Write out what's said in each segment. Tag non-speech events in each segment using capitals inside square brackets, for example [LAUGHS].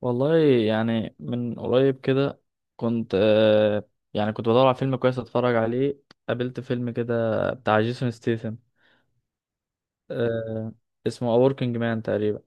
والله، يعني من قريب كده. كنت يعني بدور على فيلم كويس اتفرج عليه. قابلت فيلم كده بتاع جيسون ستيثم، آه اسمه A Working Man تقريبا.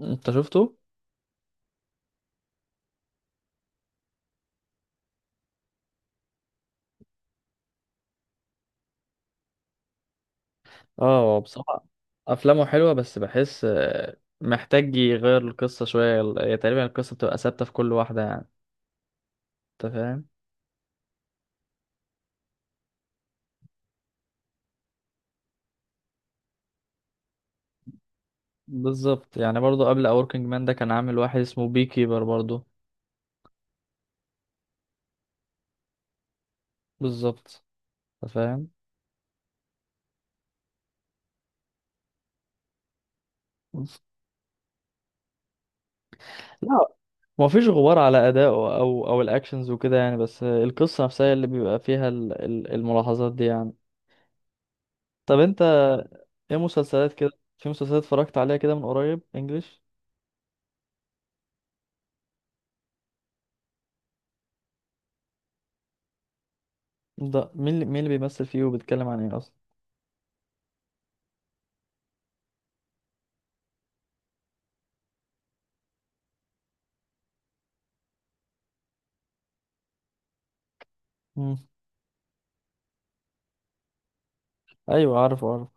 انت شفته؟ اه، هو بصراحة افلامه حلوة، بس بحس محتاج يغير القصة شوية. هي تقريبا القصة بتبقى ثابتة في كل واحدة يعني. انت فاهم؟ بالظبط، يعني برضه قبل A Working Man ده كان عامل واحد اسمه بي كيبر برضه. بالظبط. انت فاهم؟ لا، ما فيش غبار على أدائه أو الأكشنز وكده يعني، بس القصة نفسها هي اللي بيبقى فيها الملاحظات دي يعني. طب أنت، إيه مسلسلات كده؟ في مسلسلات اتفرجت عليها كده من قريب إنجليش؟ ده مين اللي بيمثل فيه وبيتكلم عن إيه أصلا؟ مم. أيوه، عارفه عارفه.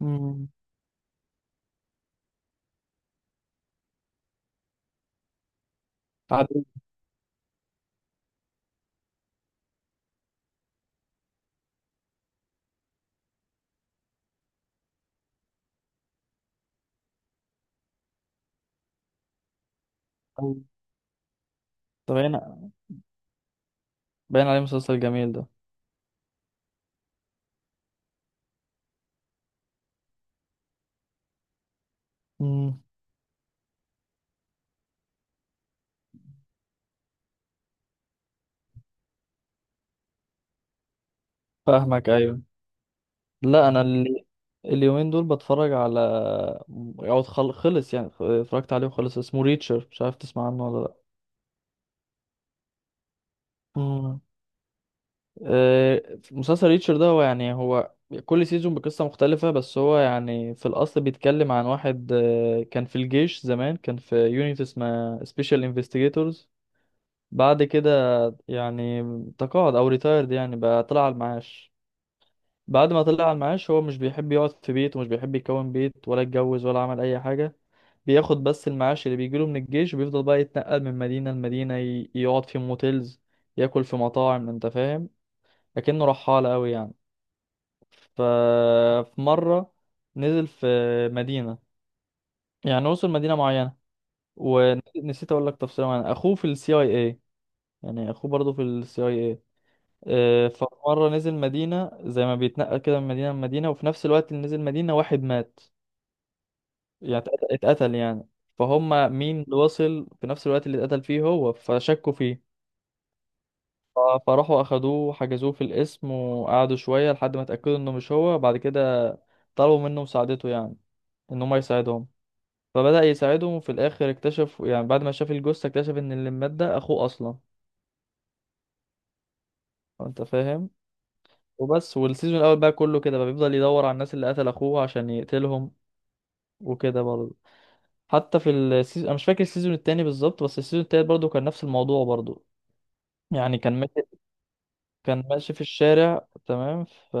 مم. عارف. أيوه. ده باين، باين عليه مسلسل جميل ده. مم. فاهمك، أيوه. لا أنا، اليومين دول بتفرج على، أو خلص، يعني اتفرجت عليه وخلص، اسمه ريتشر، مش عارف تسمع عنه ولا لأ. مم. آه، مسلسل ريتشر ده، هو يعني كل سيزون بقصة مختلفة، بس هو يعني في الأصل بيتكلم عن واحد كان في الجيش زمان، كان في يونيت اسمها سبيشال انفستيجيتورز. بعد كده يعني تقاعد أو ريتايرد، يعني بقى طلع على المعاش. بعد ما طلع على المعاش، هو مش بيحب يقعد في بيت، ومش بيحب يكون بيت ولا يتجوز، ولا عمل أي حاجة. بياخد بس المعاش اللي بيجيله من الجيش، وبيفضل بقى يتنقل من مدينة لمدينة، يقعد في موتيلز، ياكل في مطاعم، انت فاهم. لكنه رحالة قوي يعني. ففي مرة نزل في مدينة، يعني وصل مدينة معينة. ونسيت اقول لك تفصيلة معينة، اخوه في السي اي اي، يعني اخوه برضه في السي اي اي. فمرة نزل مدينة زي ما بيتنقل كده من مدينة لمدينة، وفي نفس الوقت اللي نزل مدينة واحد مات، يعني اتقتل يعني. فهم مين اللي وصل في نفس الوقت اللي اتقتل فيه هو، فشكوا فيه. ف- فراحوا اخدوه وحجزوه في القسم، وقعدوا شوية لحد ما اتأكدوا انه مش هو. بعد كده طلبوا منه مساعدته، يعني ان هم يساعدهم. فبدأ يساعدهم، وفي الآخر اكتشف، يعني بعد ما شاف الجثة اكتشف إن اللي مات ده أخوه أصلا. أنت فاهم. وبس، والسيزون الأول بقى كله كده بقى بيفضل يدور على الناس اللي قتل أخوه عشان يقتلهم، وكده برضه. حتى في السيزون، أنا مش فاكر السيزون التاني بالظبط، بس السيزون التالت برضه كان نفس الموضوع برضه. يعني كان ماشي، كان ماشي في الشارع تمام. ف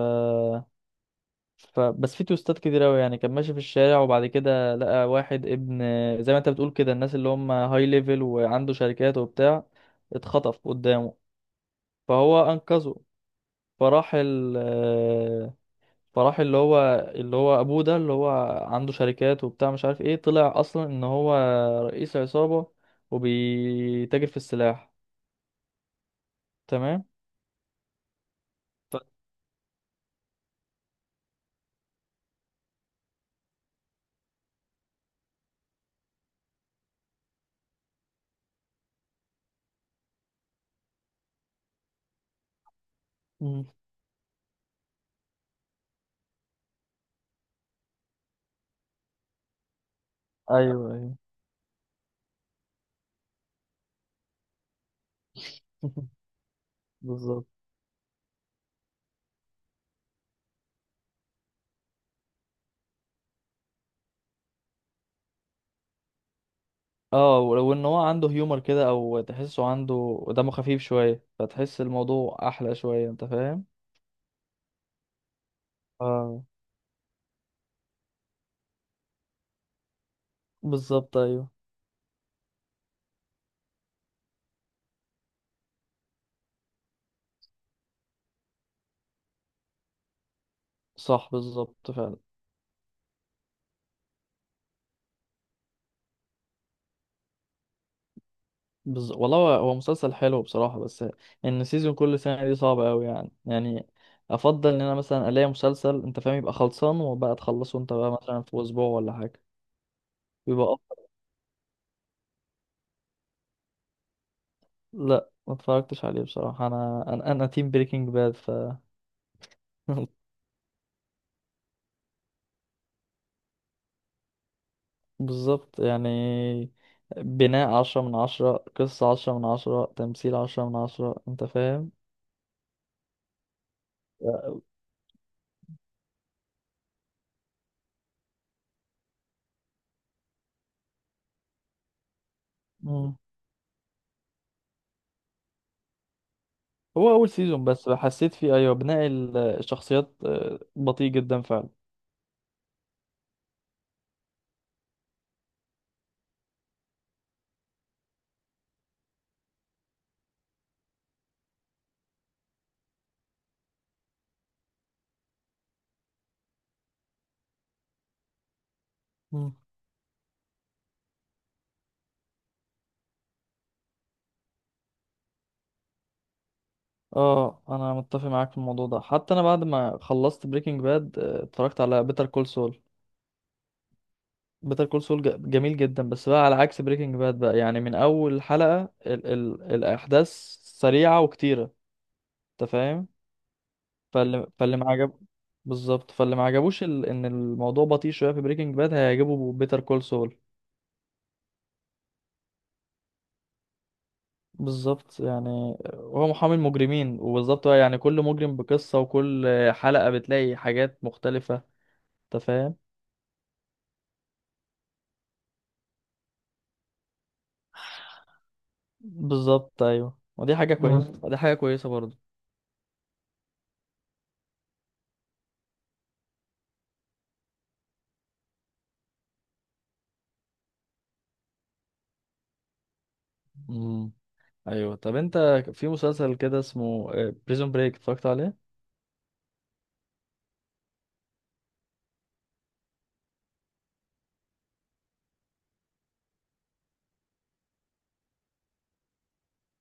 ف بس في توستات كتير أوي، يعني كان ماشي في الشارع وبعد كده لقى واحد ابن، زي ما أنت بتقول كده، الناس اللي هم هاي ليفل وعنده شركات وبتاع، اتخطف قدامه، فهو انقذه. فراح ال آه، فراح اللي هو ابوه ده، اللي هو عنده شركات وبتاع مش عارف ايه، طلع اصلا ان هو رئيس عصابة، وبيتاجر في السلاح. تمام. ف... مم. ايوه ايوه. [LAUGHS] بالظبط. اه، وان هو عنده هيومر كده، او تحسه عنده دمه خفيف شوية، فتحس الموضوع احلى شوية، انت فاهم. آه. بالظبط، ايوه. صح، بالظبط فعلا. والله هو، مسلسل حلو بصراحة. بس ان سيزون كل سنة دي صعبة قوي يعني، افضل ان انا مثلا الاقي مسلسل، انت فاهم، يبقى خلصان، وبقى تخلصه انت بقى مثلا في اسبوع ولا حاجة، بيبقى أفضل. لا ما اتفرجتش عليه بصراحة، أنا تيم بريكنج باد. [LAUGHS] بالظبط يعني، بناء عشرة من عشرة، قصة عشرة من عشرة، تمثيل عشرة من عشرة، انت فاهم. مم. هو اول سيزون بس حسيت فيه، ايوه، بناء الشخصيات بطيء جدا فعلا. مم. اه، انا متفق معاك في الموضوع ده. حتى انا بعد ما خلصت بريكنج باد اتفرجت على بيتر كول سول. بيتر كول سول جميل جدا، بس بقى على عكس بريكنج باد بقى، يعني من اول حلقة ال ال الاحداث سريعة وكتيرة، انت فاهم. فاللي فاللي ما عجب بالظبط، فاللي ما عجبوش ال ان الموضوع بطيء شوية في بريكنج باد، هيعجبه بيتر كول سول. بالظبط، يعني هو محامي المجرمين، وبالظبط بقى يعني كل مجرم بقصة، وكل حلقة بتلاقي حاجات مختلفة، انت فاهم. بالظبط، ايوه، ودي حاجه كويسه. مم. ودي حاجه كويسه برضو. امم. ايوه. طب انت، في مسلسل كده اسمه بريزون بريك اتفرجت عليه؟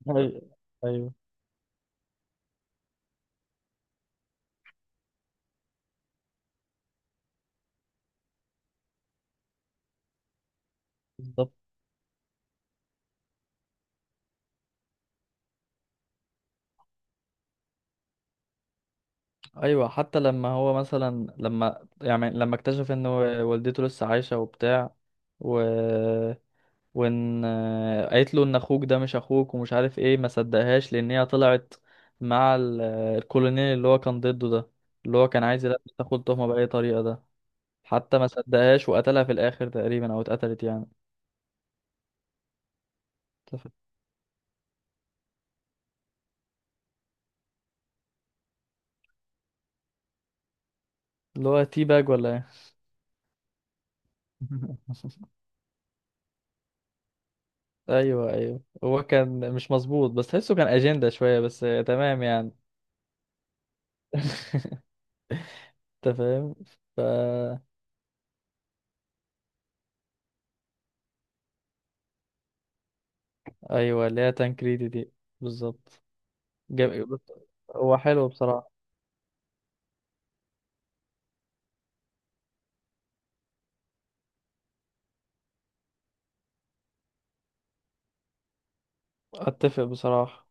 ايوه ايوه. بالظبط، ايوه. حتى لما هو مثلا لما يعني لما اكتشف ان والدته لسه عايشه وبتاع، و وان قالت له ان اخوك ده مش اخوك ومش عارف ايه، ما صدقهاش لان هي طلعت مع الكولونيل اللي هو كان ضده ده، اللي هو كان عايز يلبس تاخد تهمه باي طريقه ده. حتى ما صدقهاش وقتلها في الاخر تقريبا، او اتقتلت يعني. أنت فا- اللي هو تي باج ولا ايه؟ [LAUGHS] ايوه ايوه، هو كان مش مظبوط، بس تحسه كان اجنده شويه بس، تمام يعني. [LAUGHS] انت فاهم. ف ايوه، اللي هي تانكريدي دي. بالظبط. جم... هو حلو بصراحه. اتفق بصراحه.